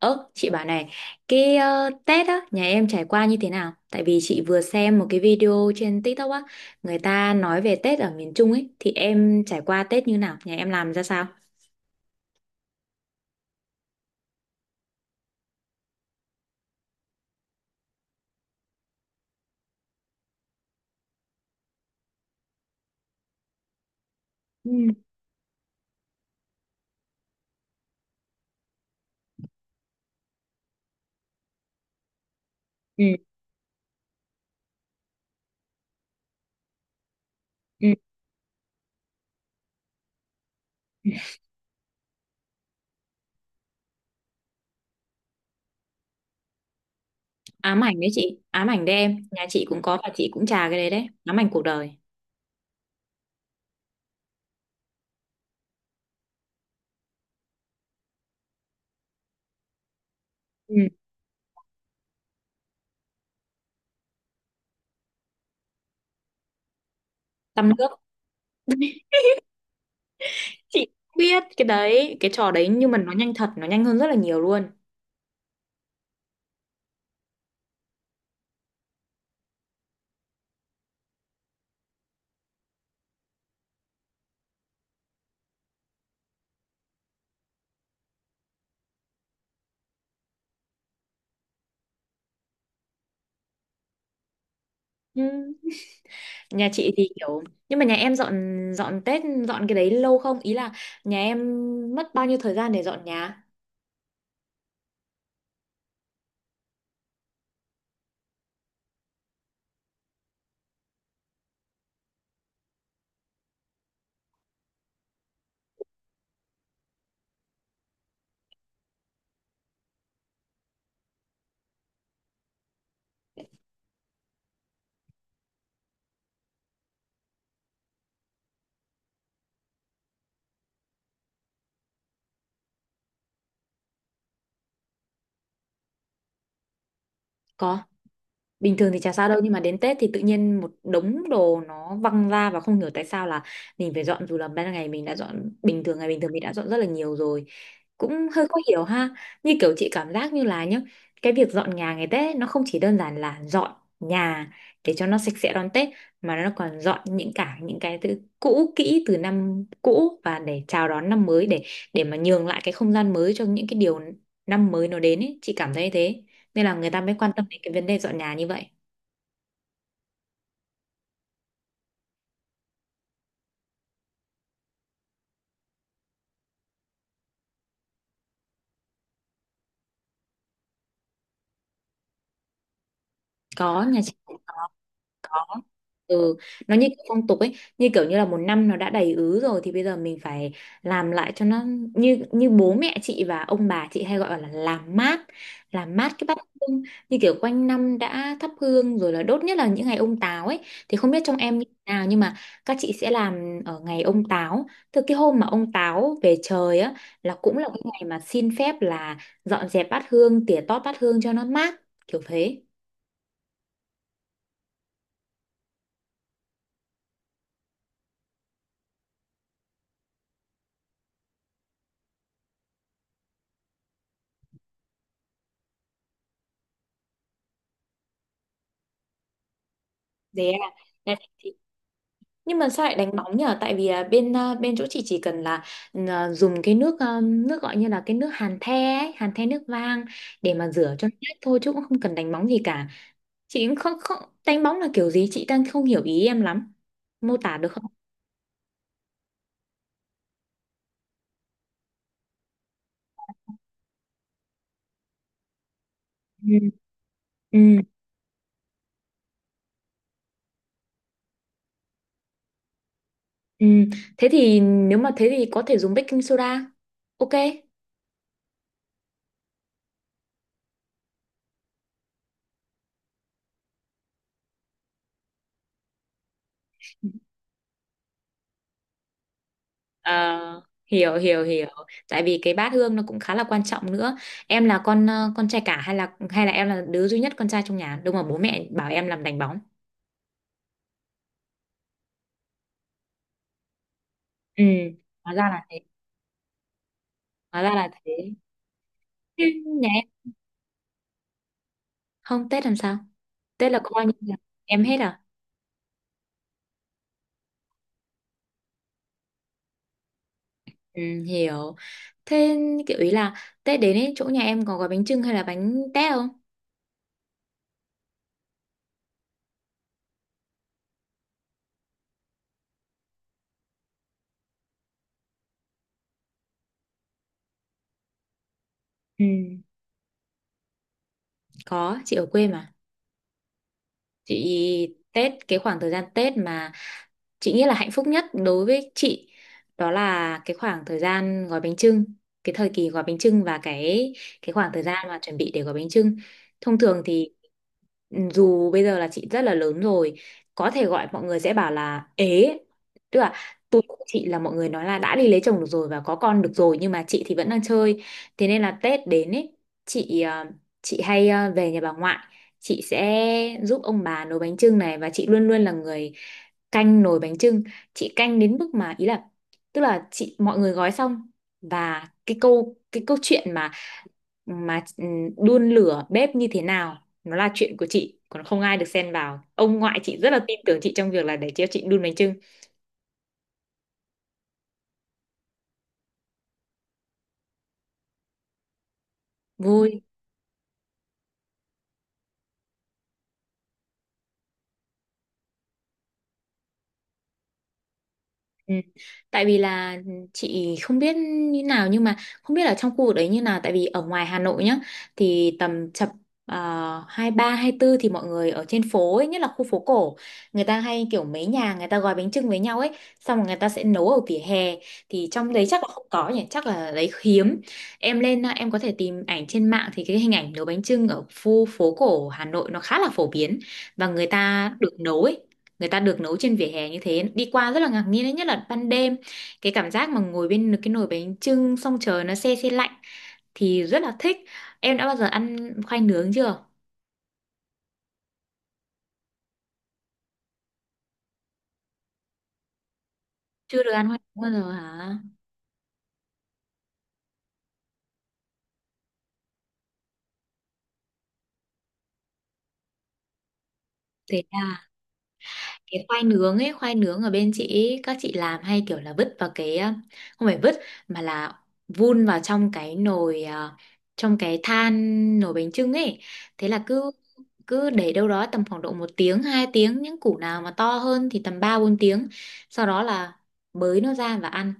Ơ, chị bảo này, cái Tết á, nhà em trải qua như thế nào? Tại vì chị vừa xem một cái video trên TikTok á, người ta nói về Tết ở miền Trung ấy, thì em trải qua Tết như nào? Nhà em làm ra sao? Ừ. Ừ, ừ. Ám ảnh đấy chị, ám ảnh đấy em. Nhà chị cũng có và chị cũng trà cái đấy đấy, ám ảnh cuộc đời. Ừ. Tăm nước, chị biết cái đấy, cái trò đấy nhưng mà nó nhanh thật, nó nhanh hơn rất là nhiều luôn. Ừ. Nhà chị thì kiểu nhưng mà nhà em dọn dọn Tết dọn cái đấy lâu không? Ý là nhà em mất bao nhiêu thời gian để dọn nhà? Có, bình thường thì chả sao đâu nhưng mà đến Tết thì tự nhiên một đống đồ nó văng ra và không hiểu tại sao là mình phải dọn, dù là ban ngày mình đã dọn bình thường, ngày bình thường mình đã dọn rất là nhiều rồi, cũng hơi khó hiểu ha. Như kiểu chị cảm giác như là nhá, cái việc dọn nhà ngày Tết ấy, nó không chỉ đơn giản là dọn nhà để cho nó sạch sẽ đón Tết mà nó còn dọn những, cả những cái thứ cũ kỹ từ năm cũ và để chào đón năm mới, để mà nhường lại cái không gian mới cho những cái điều năm mới nó đến ấy, chị cảm thấy thế, nên là người ta mới quan tâm đến cái vấn đề dọn nhà như vậy. Có, nhà chị cũng có. Ừ, nó như kiểu phong tục ấy, như kiểu như là một năm nó đã đầy ứ rồi thì bây giờ mình phải làm lại cho nó, như như bố mẹ chị và ông bà chị hay gọi là làm mát cái bát hương, như kiểu quanh năm đã thắp hương rồi là đốt, nhất là những ngày ông Táo ấy, thì không biết trong em như thế nào nhưng mà các chị sẽ làm ở ngày ông Táo. Từ cái hôm mà ông Táo về trời á là cũng là cái ngày mà xin phép là dọn dẹp bát hương, tỉa tót bát hương cho nó mát, kiểu thế. Thế à. Nhưng mà sao lại đánh bóng nhở? Tại vì bên chỗ chị chỉ cần là dùng cái nước, nước gọi như là cái nước hàn the ấy, hàn the nước vang để mà rửa cho nét thôi chứ cũng không cần đánh bóng gì cả. Chị cũng không không đánh bóng là kiểu gì, chị đang không hiểu ý em lắm. Mô tả được không? Ừ. Ừ. Ừ. Thế thì nếu mà thế thì có thể dùng baking soda. Ok. Ờ, hiểu hiểu hiểu, tại vì cái bát hương nó cũng khá là quan trọng nữa. Em là con con trai cả hay là em là đứa duy nhất con trai trong nhà đúng mà bố mẹ bảo em làm đánh bóng? Ừ, hóa ra là thế, hóa ra là thế. Ừ, nhà em không Tết làm sao, Tết là coi như là em hết à? Ừ, hiểu. Thế kiểu ý là Tết đến ấy, chỗ nhà em có gói bánh chưng hay là bánh tét không? Ừ, có, chị ở quê mà. Chị Tết, cái khoảng thời gian Tết mà chị nghĩ là hạnh phúc nhất đối với chị đó là cái khoảng thời gian gói bánh chưng, cái thời kỳ gói bánh chưng và cái khoảng thời gian mà chuẩn bị để gói bánh chưng, thông thường thì Ừ, dù bây giờ là chị rất là lớn rồi, có thể gọi mọi người sẽ bảo là ế, tức là tuổi của chị là mọi người nói là đã đi lấy chồng được rồi và có con được rồi nhưng mà chị thì vẫn đang chơi, thế nên là Tết đến ấy chị chị hay về nhà bà ngoại, chị sẽ giúp ông bà nấu bánh chưng này và chị luôn luôn là người canh nồi bánh chưng. Chị canh đến mức mà ý là tức là chị mọi người gói xong và cái câu chuyện mà mà ừ, đun lửa bếp như thế nào, nó là chuyện của chị, còn không ai được xen vào, ông ngoại chị rất là tin tưởng chị trong việc là để cho chị đun bánh chưng. Vui. Ừ. Tại vì là chị không biết như nào nhưng mà không biết ở trong khu vực đấy như nào, tại vì ở ngoài Hà Nội nhá, thì tầm chập hai ba hai tư thì mọi người ở trên phố ấy, nhất là khu phố cổ, người ta hay kiểu mấy nhà người ta gói bánh chưng với nhau ấy, xong rồi người ta sẽ nấu ở vỉa hè. Thì trong đấy chắc là không có nhỉ, chắc là đấy hiếm. Em lên em có thể tìm ảnh trên mạng thì cái hình ảnh nấu bánh chưng ở khu phố cổ Hà Nội nó khá là phổ biến, và người ta được nấu ấy, người ta được nấu trên vỉa hè như thế, đi qua rất là ngạc nhiên đấy, nhất là ban đêm, cái cảm giác mà ngồi bên cái nồi bánh chưng xong trời nó se se lạnh thì rất là thích. Em đã bao giờ ăn khoai nướng chưa? Chưa được ăn khoai nướng bao giờ hả? Thế à. Cái khoai nướng ấy, khoai nướng ở bên chị ấy, các chị làm hay kiểu là vứt vào cái không phải vứt mà là vun vào trong cái nồi, trong cái than nồi bánh chưng ấy, thế là cứ cứ để đâu đó tầm khoảng độ một tiếng hai tiếng, những củ nào mà to hơn thì tầm ba bốn tiếng, sau đó là bới nó ra và ăn,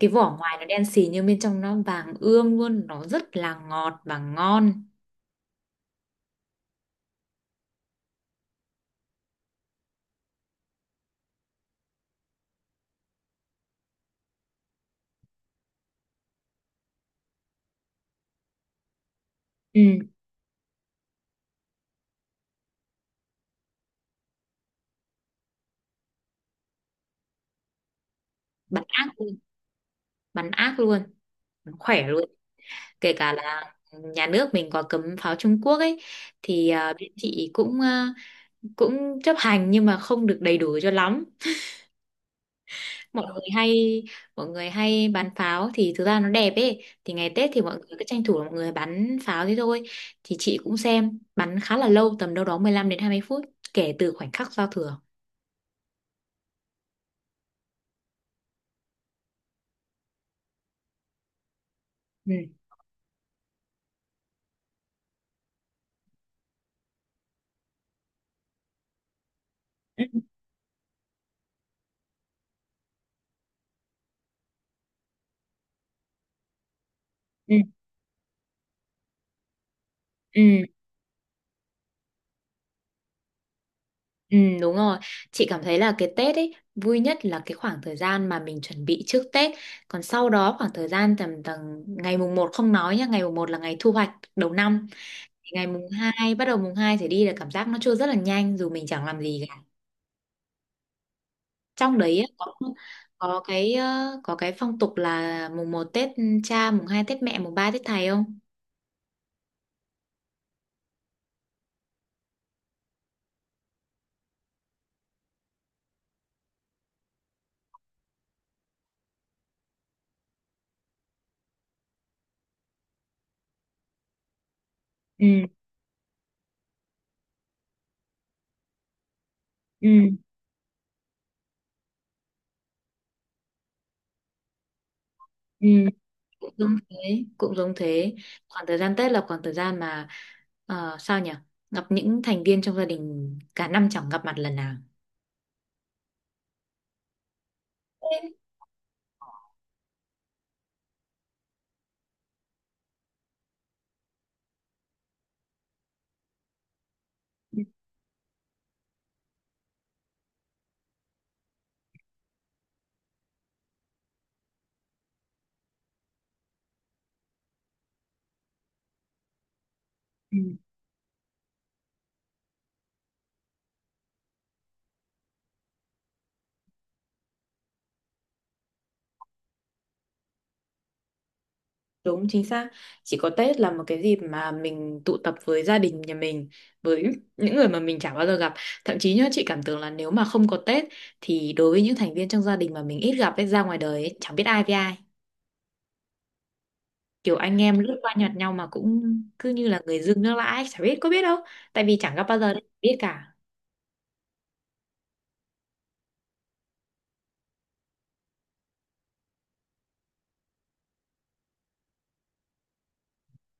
cái vỏ ngoài nó đen xì nhưng bên trong nó vàng ươm luôn, nó rất là ngọt và ngon. Ừ. Bắn ác luôn, bắn ác luôn, nó khỏe luôn. Kể cả là nhà nước mình có cấm pháo Trung Quốc ấy, thì bên chị cũng cũng chấp hành nhưng mà không được đầy đủ cho lắm, mọi người hay mọi người hay bắn pháo, thì thực ra nó đẹp ấy, thì ngày Tết thì mọi người cứ tranh thủ là mọi người bắn pháo thế thôi. Thì chị cũng xem bắn khá là lâu, tầm đâu đó 15 đến 20 phút kể từ khoảnh khắc giao thừa. Ừ. Ừ. Ừ. Ừ. Ừ, đúng rồi. Chị cảm thấy là cái Tết ấy vui nhất là cái khoảng thời gian mà mình chuẩn bị trước Tết. Còn sau đó khoảng thời gian tầm tầm ngày mùng một không nói nhá, ngày mùng một là ngày thu hoạch đầu năm. Thì ngày mùng hai, bắt đầu mùng 2 trở đi là cảm giác nó trôi rất là nhanh dù mình chẳng làm gì cả. Trong đấy ấy, có cái có cái phong tục là mùng một Tết cha, mùng 2 Tết mẹ, mùng 3 Tết thầy không? Ừ, ừ, ừ. Cũng giống thế, cũng giống thế. Khoảng thời gian Tết là khoảng thời gian mà sao nhỉ, gặp những thành viên trong gia đình cả năm chẳng gặp mặt lần nào. Ừ, ừ, Đúng chính xác, chỉ có Tết là một cái dịp mà mình tụ tập với gia đình nhà mình, với những người mà mình chả bao giờ gặp. Thậm chí nhá, chị cảm tưởng là nếu mà không có Tết thì đối với những thành viên trong gia đình mà mình ít gặp ấy, ra ngoài đời ấy, chẳng biết ai với ai, kiểu anh em lướt qua nhặt nhau mà cũng cứ như là người dưng nước lã ấy, chả biết có biết đâu, tại vì chẳng gặp bao giờ đâu biết cả.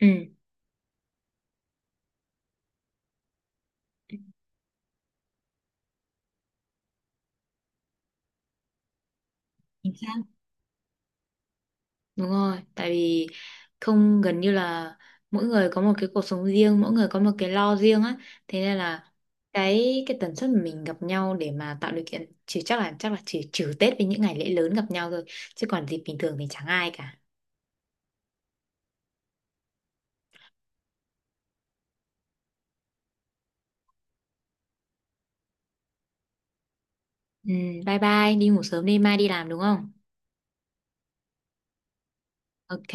Ừ, chính xác, đúng rồi, tại vì không gần như là mỗi người có một cái cuộc sống riêng, mỗi người có một cái lo riêng á, thế nên là cái tần suất mà mình gặp nhau để mà tạo điều kiện chỉ chắc là chỉ trừ Tết với những ngày lễ lớn gặp nhau thôi, chứ còn dịp bình thường thì chẳng ai cả. Ừ, bye bye, đi ngủ sớm đi, mai đi làm đúng không? Ok.